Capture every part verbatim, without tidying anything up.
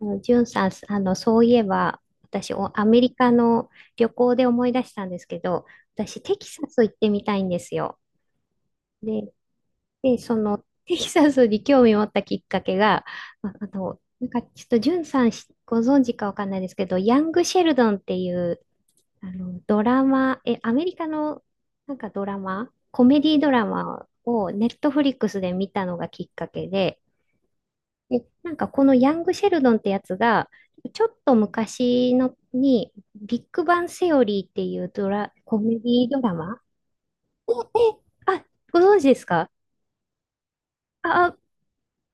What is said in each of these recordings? あのジュンさん、あの、そういえば、私、おアメリカの旅行で思い出したんですけど、私、テキサス行ってみたいんですよ。で、で、その、テキサスに興味を持ったきっかけが、あ、あの、なんか、ちょっと、ジュンさんしご存知かわかんないですけど、ヤング・シェルドンっていう、あの、ドラマ、え、アメリカの、なんかドラマ、コメディドラマを、ネットフリックスで見たのがきっかけで、で、なんかこのヤング・シェルドンってやつが、ちょっと昔のに、ビッグバン・セオリーっていうドラ、コメディドラマあ、ご存知ですか？あ、あ、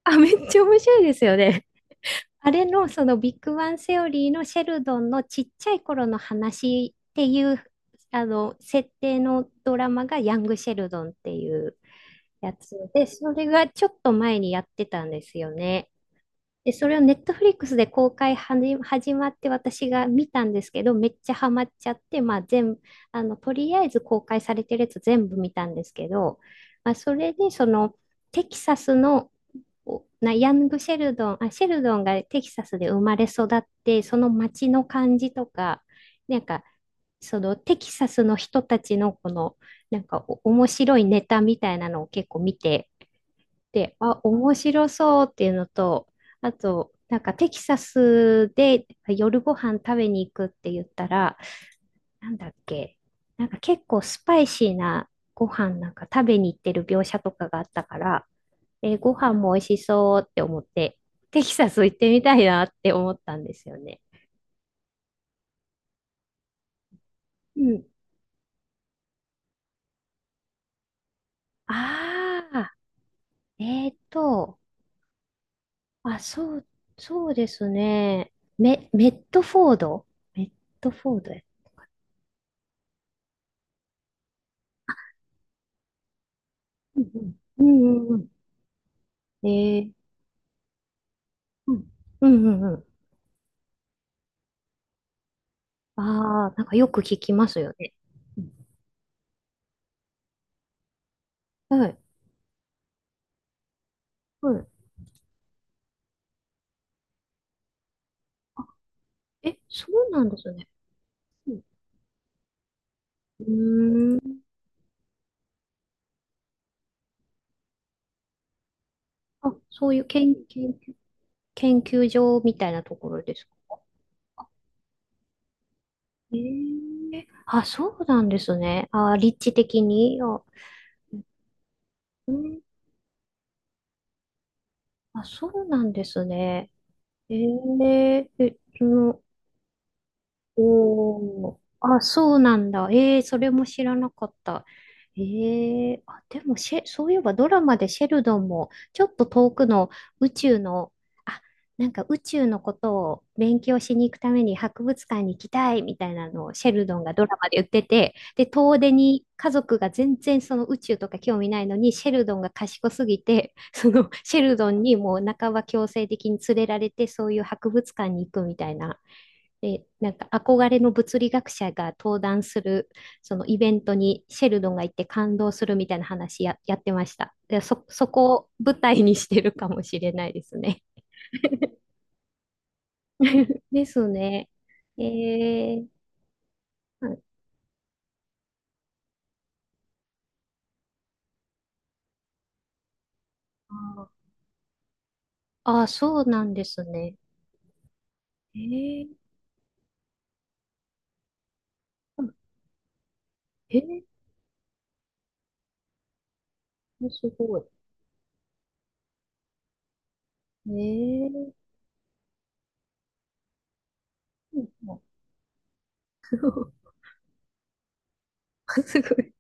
あめっちゃ面白いですよね。あれのそのビッグバン・セオリーのシェルドンのちっちゃい頃の話っていう、あの、設定のドラマがヤング・シェルドンっていうやつで、それがちょっと前にやってたんですよね。で、それをネットフリックスで公開はじ、始まって私が見たんですけど、めっちゃハマっちゃって、まあ全部、あの、とりあえず公開されてるやつ全部見たんですけど、まあそれでそのテキサスのおなヤングシェルドン、あ、シェルドンがテキサスで生まれ育って、その街の感じとか、なんか、そのテキサスの人たちのこの、なんかお面白いネタみたいなのを結構見て、で、あ、面白そうっていうのと、あと、なんかテキサスで夜ご飯食べに行くって言ったら、なんだっけ、なんか結構スパイシーなご飯なんか食べに行ってる描写とかがあったから、えーご飯も美味しそうって思って、テキサス行ってみたいなって思ったんですよね。うん。ああ、えーと、あ、そう、そうですね。メ、メットフォードメットフォードや。うんうんうんうんうんえー、うん、うんうんうん。ああ、なんかよく聞きますよね。うんはい、はい。あ、え、そうなんですね。うん。うーん。あ、そういう研究、研究所みたいなところですか？ええあ、そうなんですね。あ、立地的に。あ、うん、あ、そうなんですね。えええ、その、おー、あ、そうなんだ。えー、それも知らなかった。えー、あ、でもシェ、そういえばドラマでシェルドンも、ちょっと遠くの宇宙の、あ、なんか宇宙のことを勉強しに行くために博物館に行きたいみたいなのをシェルドンがドラマで言ってて、で、遠出に家族が全然その宇宙とか興味ないのに、シェルドンが賢すぎて、そのシェルドンにもう半ば強制的に連れられて、そういう博物館に行くみたいな。で、なんか憧れの物理学者が登壇する、そのイベントにシェルドンが行って感動するみたいな話や、やってました。で、そ、そこを舞台にしてるかもしれないですね。ですね。えー、はいああー、そうなんですね。えー、えー、すごい。えー、すごい。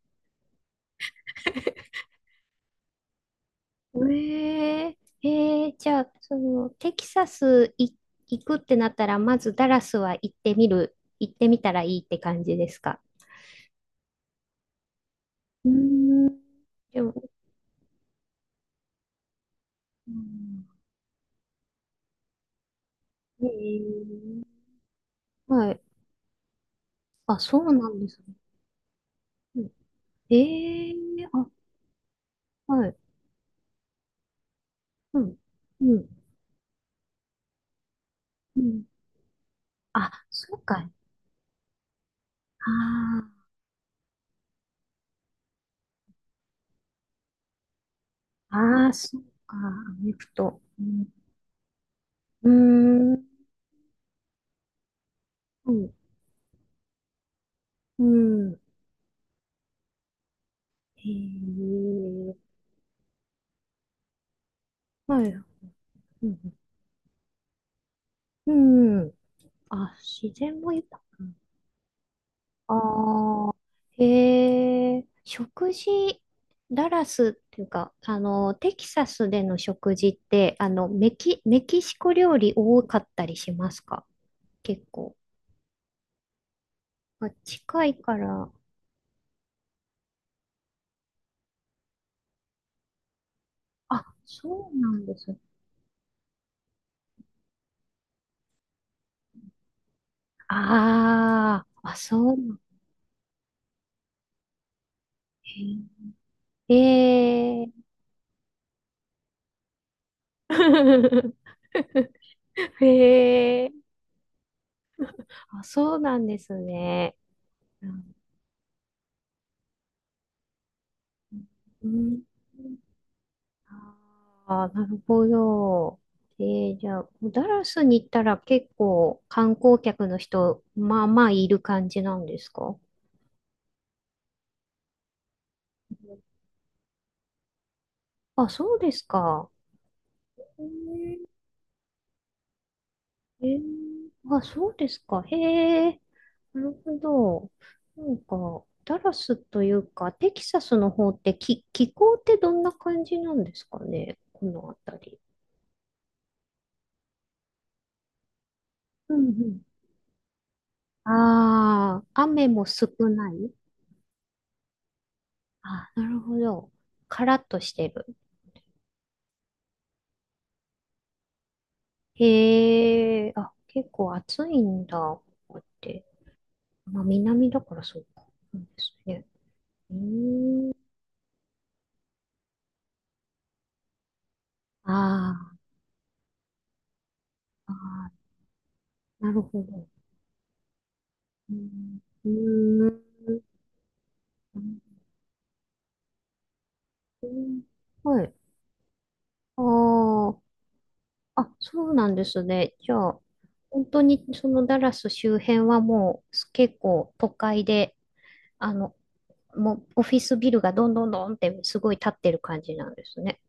えええーじゃあ、その、テキサスい行くってなったら、まずダラスは行ってみる、行ってみたらいいって感じですか？うーん、でも、うんえーはい。あ、そうなんですね。うんええあ、はい。うん、うん、うん。あ、そうか。ああ、ああ、そうか。アメフト。うん、うーん、うん、うん。ええはい。うん、うん。あ、自然も豊か。ああ、へえ、食事、ダラスっていうか、あの、テキサスでの食事って、あの、メキ、メキシコ料理多かったりしますか？結構。あ、近いから。あ、そうなんですね。ああ、あ、そうなんへえ。へえ。へえ。あ、そうなんですね。うん。うんああ、なるほど。えー、じゃあ、ダラスに行ったら結構観光客の人、まあまあいる感じなんですか？あ、そうですか。えー、あ、そうですか。へえ、なるほど。なんか、ダラスというか、テキサスの方って気、気候ってどんな感じなんですかね、この辺り。うんうん。ああ、雨も少ない。あ、なるほど。カラッとしてる。へえ、あ、結構暑いんだ、ここって。まあ、南だからそうか。そうですね。うーん。あーあー、なるほど。うーん。うーんうんはい。ああ、あ、そうなんですね。じゃあ、本当にそのダラス周辺はもうす結構都会で、あの、もうオフィスビルがどんどんどんってすごい建ってる感じなんですね。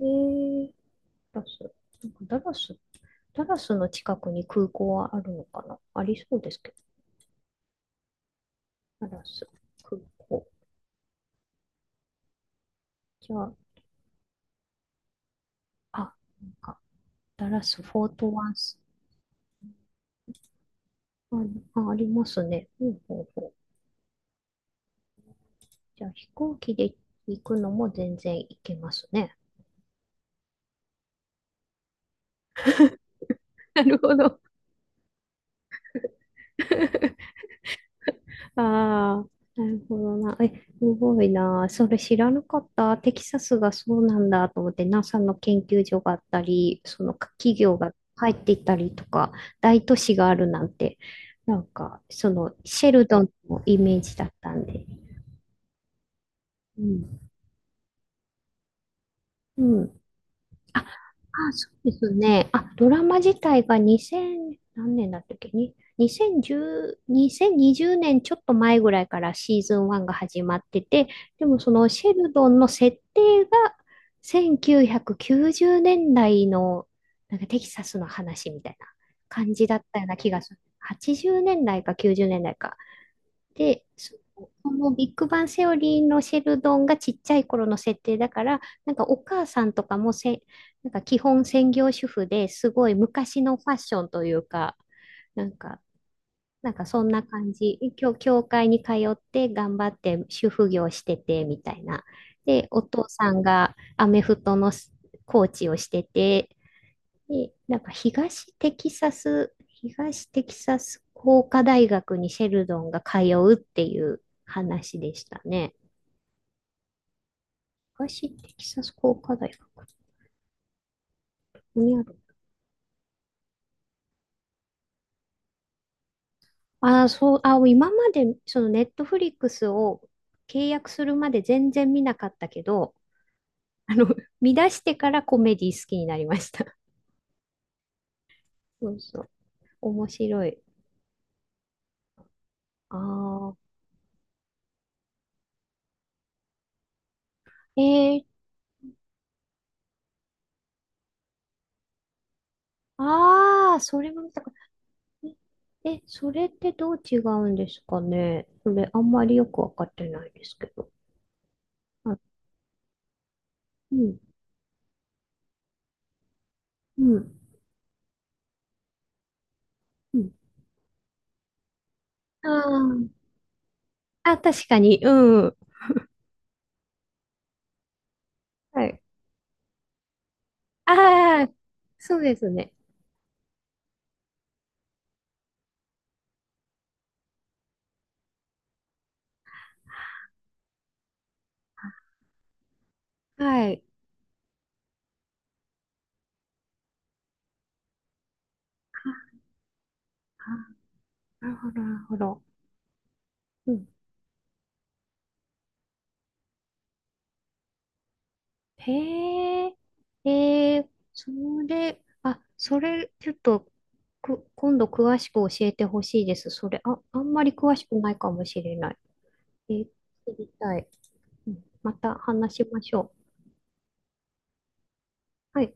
えー、ダラス。なんかダラス、ダラスの近くに空港はあるのかな？ありそうですけど。ダラス、空港。じゃあ、あ、なんか、ダラス、フォートワンス。あ、あありますね。ほうほうほう。じゃあ、飛行機で行くのも全然行けますね。なるほど。ああ、なるほどな。え、すごいな。それ知らなかった。テキサスがそうなんだと思って、NASA の研究所があったり、その企業が入っていたりとか、大都市があるなんて、なんか、そのシェルドンのイメージだったんで。うん。うん。あ、そうですね。あ、ドラマ自体がにせん、何年だったっけに、にせんじゅう、にせんにじゅうねんちょっと前ぐらいからシーズンワンが始まってて、でもそのシェルドンの設定がせんきゅうひゃくきゅうじゅうねんだいのなんかテキサスの話みたいな感じだったような気がする。はちじゅうねんだいかきゅうじゅうねんだいか。で、そこのビッグバンセオリーのシェルドンがちっちゃい頃の設定だから、なんかお母さんとかもせ、なんか基本専業主婦ですごい昔のファッションというか、なんか、なんかそんな感じ。教、教会に通って頑張って主婦業しててみたいな。で、お父さんがアメフトのコーチをしてて、で、なんか東テキサス、東テキサス工科大学にシェルドンが通うっていう話でしたね。東テキサス工科大学。ここにある。あー、そう、あ、今までそのネットフリックスを契約するまで全然見なかったけど、あの、見出してからコメディ好きになりました。そうそう。面白い。ああ。えー、ああ、それも見た。え、それってどう違うんですかね？それあんまりよくわかってないですけど。あ、うん、うん、うん。ああ、あ、確かに、うん。はい。ああ、そうですね。はい。ああ、なるほど、なるほど。うん。へえ、ええそれ、あ、それ、ちょっと、く、今度詳しく教えてほしいです。それ、あ、あんまり詳しくないかもしれない。えー、知りたい。うんまた話しましょう。はい。